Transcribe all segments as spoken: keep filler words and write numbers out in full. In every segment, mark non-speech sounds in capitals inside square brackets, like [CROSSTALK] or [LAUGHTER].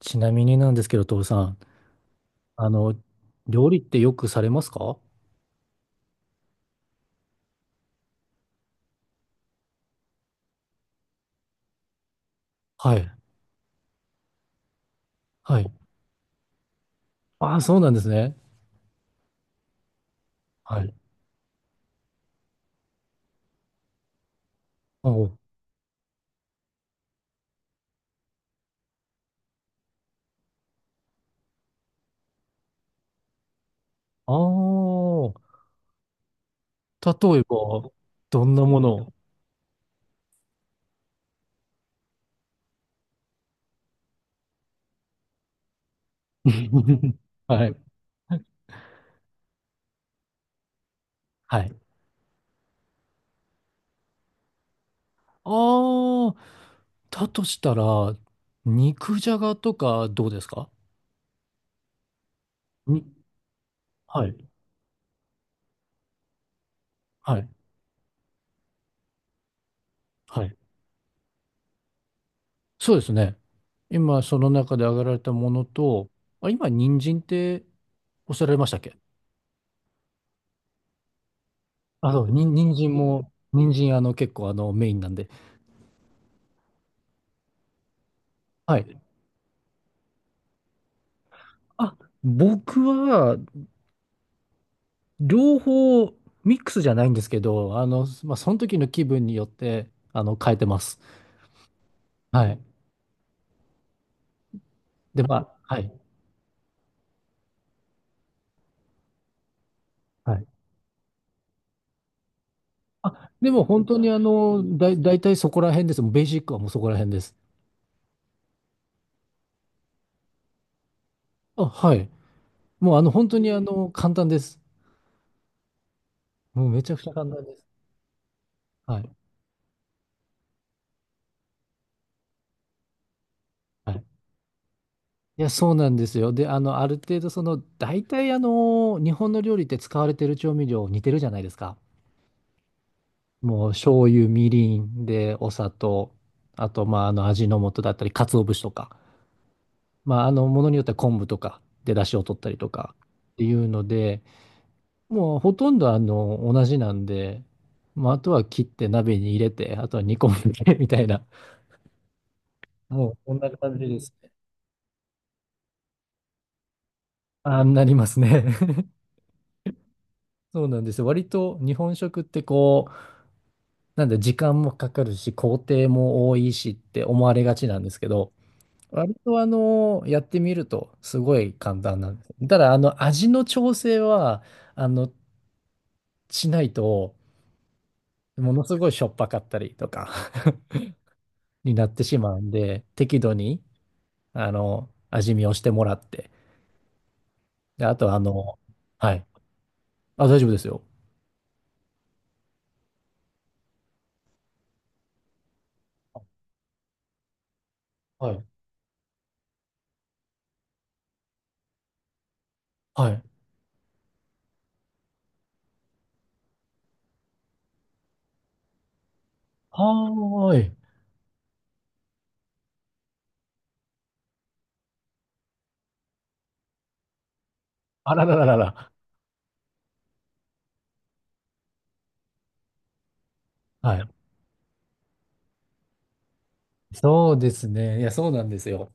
ちなみになんですけど、徹さん、あの、料理ってよくされますか？はい。はい。ああ、そうなんですね。はい。お、ああー、例えば、どんなものを。 [LAUGHS] はい。はい。ああ、だとしたら、肉じゃがとかどうですか？に、はい。はい。はい。そうですね。今、その中で挙げられたものと、あ、今、人参っておっしゃられましたっけ？あ、そう、に人参も、人参あの結構あのメインなんで。はい。あ、僕は両方ミックスじゃないんですけど、あの、まあ、その時の気分によって、あの、変えてます。はい。で、まあ、はい。はい。あ、でも本当にあの、だい、だそこら辺です。もうベーシックはもうそこら辺です。あ、はい。もうあの、本当にあの、簡単です。もうめちゃくちゃ簡単です。はい。はい。いや、そうなんですよ。で、あの、ある程度、その、大体、あの、日本の料理って使われてる調味料似てるじゃないですか。もう、醤油、みりんで、お砂糖、あと、まあ、あの、味の素だったり、鰹節とか、まあ、あの、ものによっては昆布とかで、出汁を取ったりとかっていうので、もう、ほとんど、あの、同じなんで、まあ、あとは切って鍋に入れて、あとは煮込んで、[LAUGHS] みたいな、もう、こんな感じですね。あ、なりますね。[LAUGHS] そうなんですよ。割と日本食ってこう、なんで時間もかかるし、工程も多いしって思われがちなんですけど、割とあの、やってみるとすごい簡単なんです。ただあの、味の調整は、あの、しないと、ものすごいしょっぱかったりとか [LAUGHS] になってしまうんで、適度に、あの、味見をしてもらって、で、あとあの、はい。あ、大丈夫ですよ。はい。はい。はーい。あららららら。はい。そうですね。いや、そうなんですよ。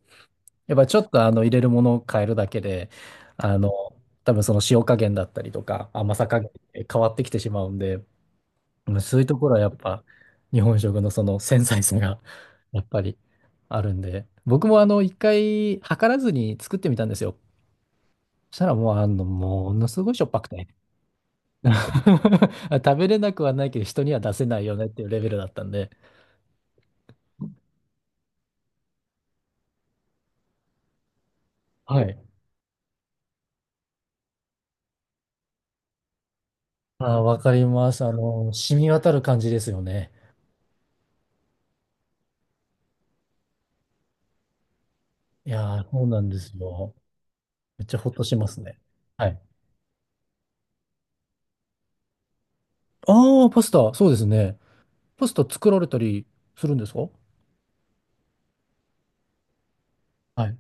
やっぱちょっとあの入れるものを変えるだけで、あの、多分その塩加減だったりとか甘さ加減って変わってきてしまうんで、うん、そういうところはやっぱ日本食のその繊細さが [LAUGHS] やっぱりあるんで、僕もあの一回測らずに作ってみたんですよ。そしたらもうあの、ものすごいしょっぱくて。[LAUGHS] 食べれなくはないけど人には出せないよねっていうレベルだったんで。はい。あー、わかります。あの、染み渡る感じですよね。いやー、そうなんですよ。めっちゃほっとしますね。はい。ああ、パスタ、そうですね。パスタ作られたりするんですか？はい。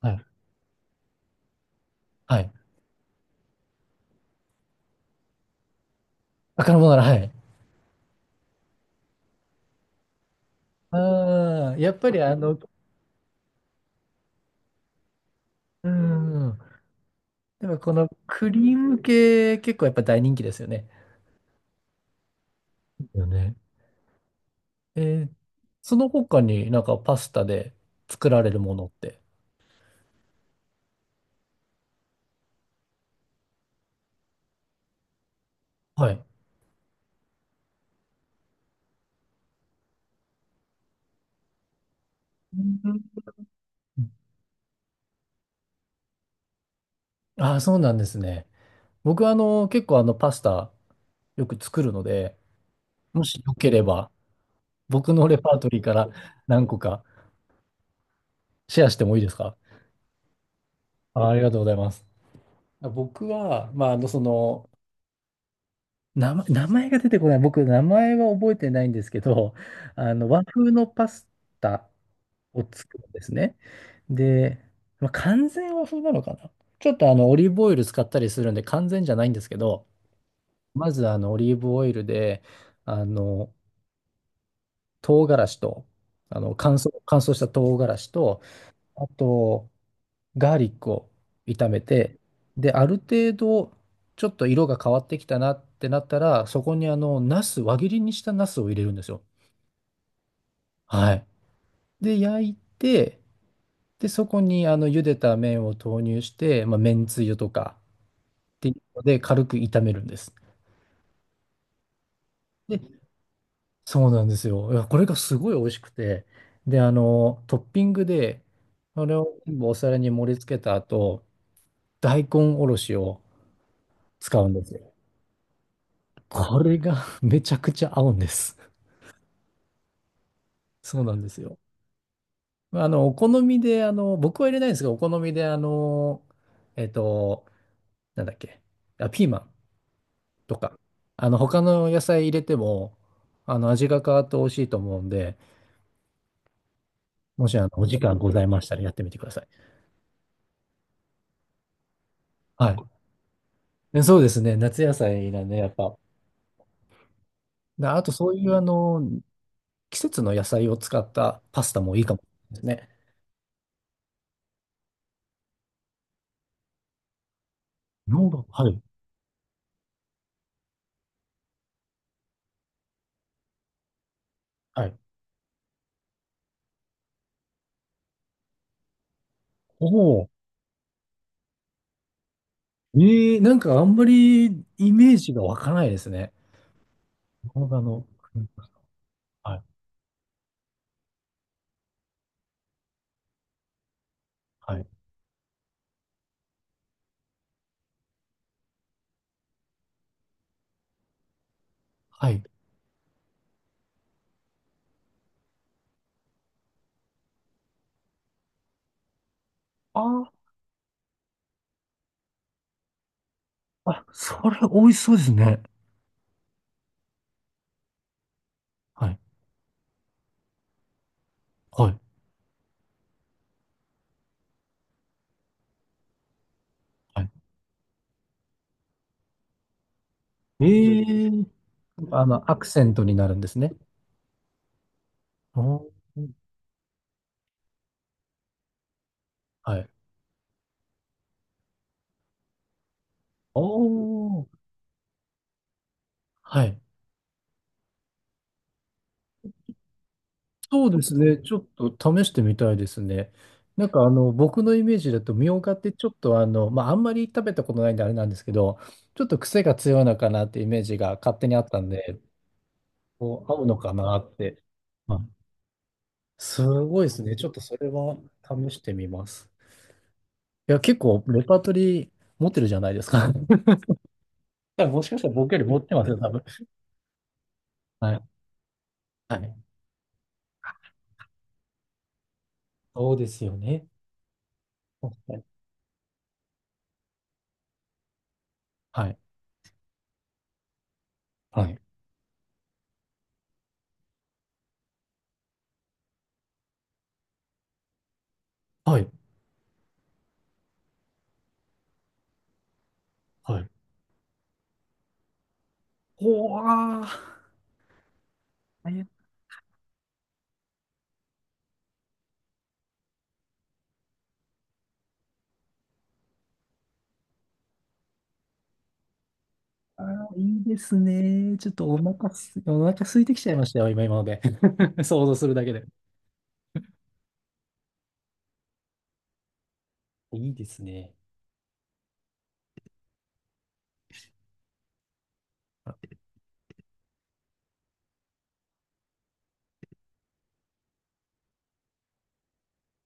はい。はい。あ、カルボナーラ、はい。ああ、やっぱりあの、うん。でもこのクリーム系、結構やっぱ大人気ですよね。よね。えー、その他になんかパスタで作られるものって。はい。うん。ああ、そうなんですね。僕はあの、結構あの、パスタよく作るので、もしよければ、僕のレパートリーから何個かシェアしてもいいですか？あ、ありがとうございます。僕は、まあ、あの、その、名前、名前が出てこない。僕、名前は覚えてないんですけど、あの、和風のパスタを作るんですね。で、まあ、完全和風なのかな。ちょっとあの、オリーブオイル使ったりするんで、完全じゃないんですけど、まず、あの、オリーブオイルで、あの、唐辛子と、あの、乾燥、乾燥した唐辛子と、あと、ガーリックを炒めて、で、ある程度、ちょっと色が変わってきたなってなったら、そこにあの、ナス、輪切りにしたナスを入れるんですよ。はい。で、焼いて、で、そこにあの、茹でた麺を投入して、まあ、麺つゆとかっていうので、軽く炒めるんです。で、そうなんですよ。いや、これがすごい美味しくて、で、あの、トッピングで、それを全部お皿に盛り付けた後、大根おろしを使うんですよ。これが [LAUGHS] めちゃくちゃ合うんです。そうなんですよ。あの、お好みで、あの、僕は入れないんですが、お好みで、あの、えっと、なんだっけ、あ、ピーマンとか、あの、他の野菜入れても、あの、味が変わって美味しいと思うんで、もし、あの、お時間ございましたらやってみてください。はい。で、そうですね、夏野菜なんで、やっぱ。なあと、そういう、あの、季節の野菜を使ったパスタもいいかもですね。ヨーロッパ、はい。はい。おお。ええ、なんかあんまりイメージが湧かないですね。動画の、はい、はい、はい。ああ、あ、それ美味しそうですね。はい、はい、はい。ええ、あの、アクセントになるんですね。おー、はい。おー、はい。そうですね。ちょっと試してみたいですね。なんかあの、僕のイメージだと、みょうがってちょっとあの、まあ、あんまり食べたことないんであれなんですけど、ちょっと癖が強いのかなってイメージが勝手にあったんで、こう合うのかなって。あ、すごいですね。ちょっとそれは試してみます。いや、結構レパートリー持ってるじゃないですか。[LAUGHS] 多分もしかしたら僕より持ってますよ、多分。はい。はい。そうですよね。はい。はい。はい。はい。はい、おわー。いやー、いいですね。ちょっとお腹す、お腹空いてきちゃいましたよ、今、今ので。[LAUGHS] 想像するだけで。いいですね。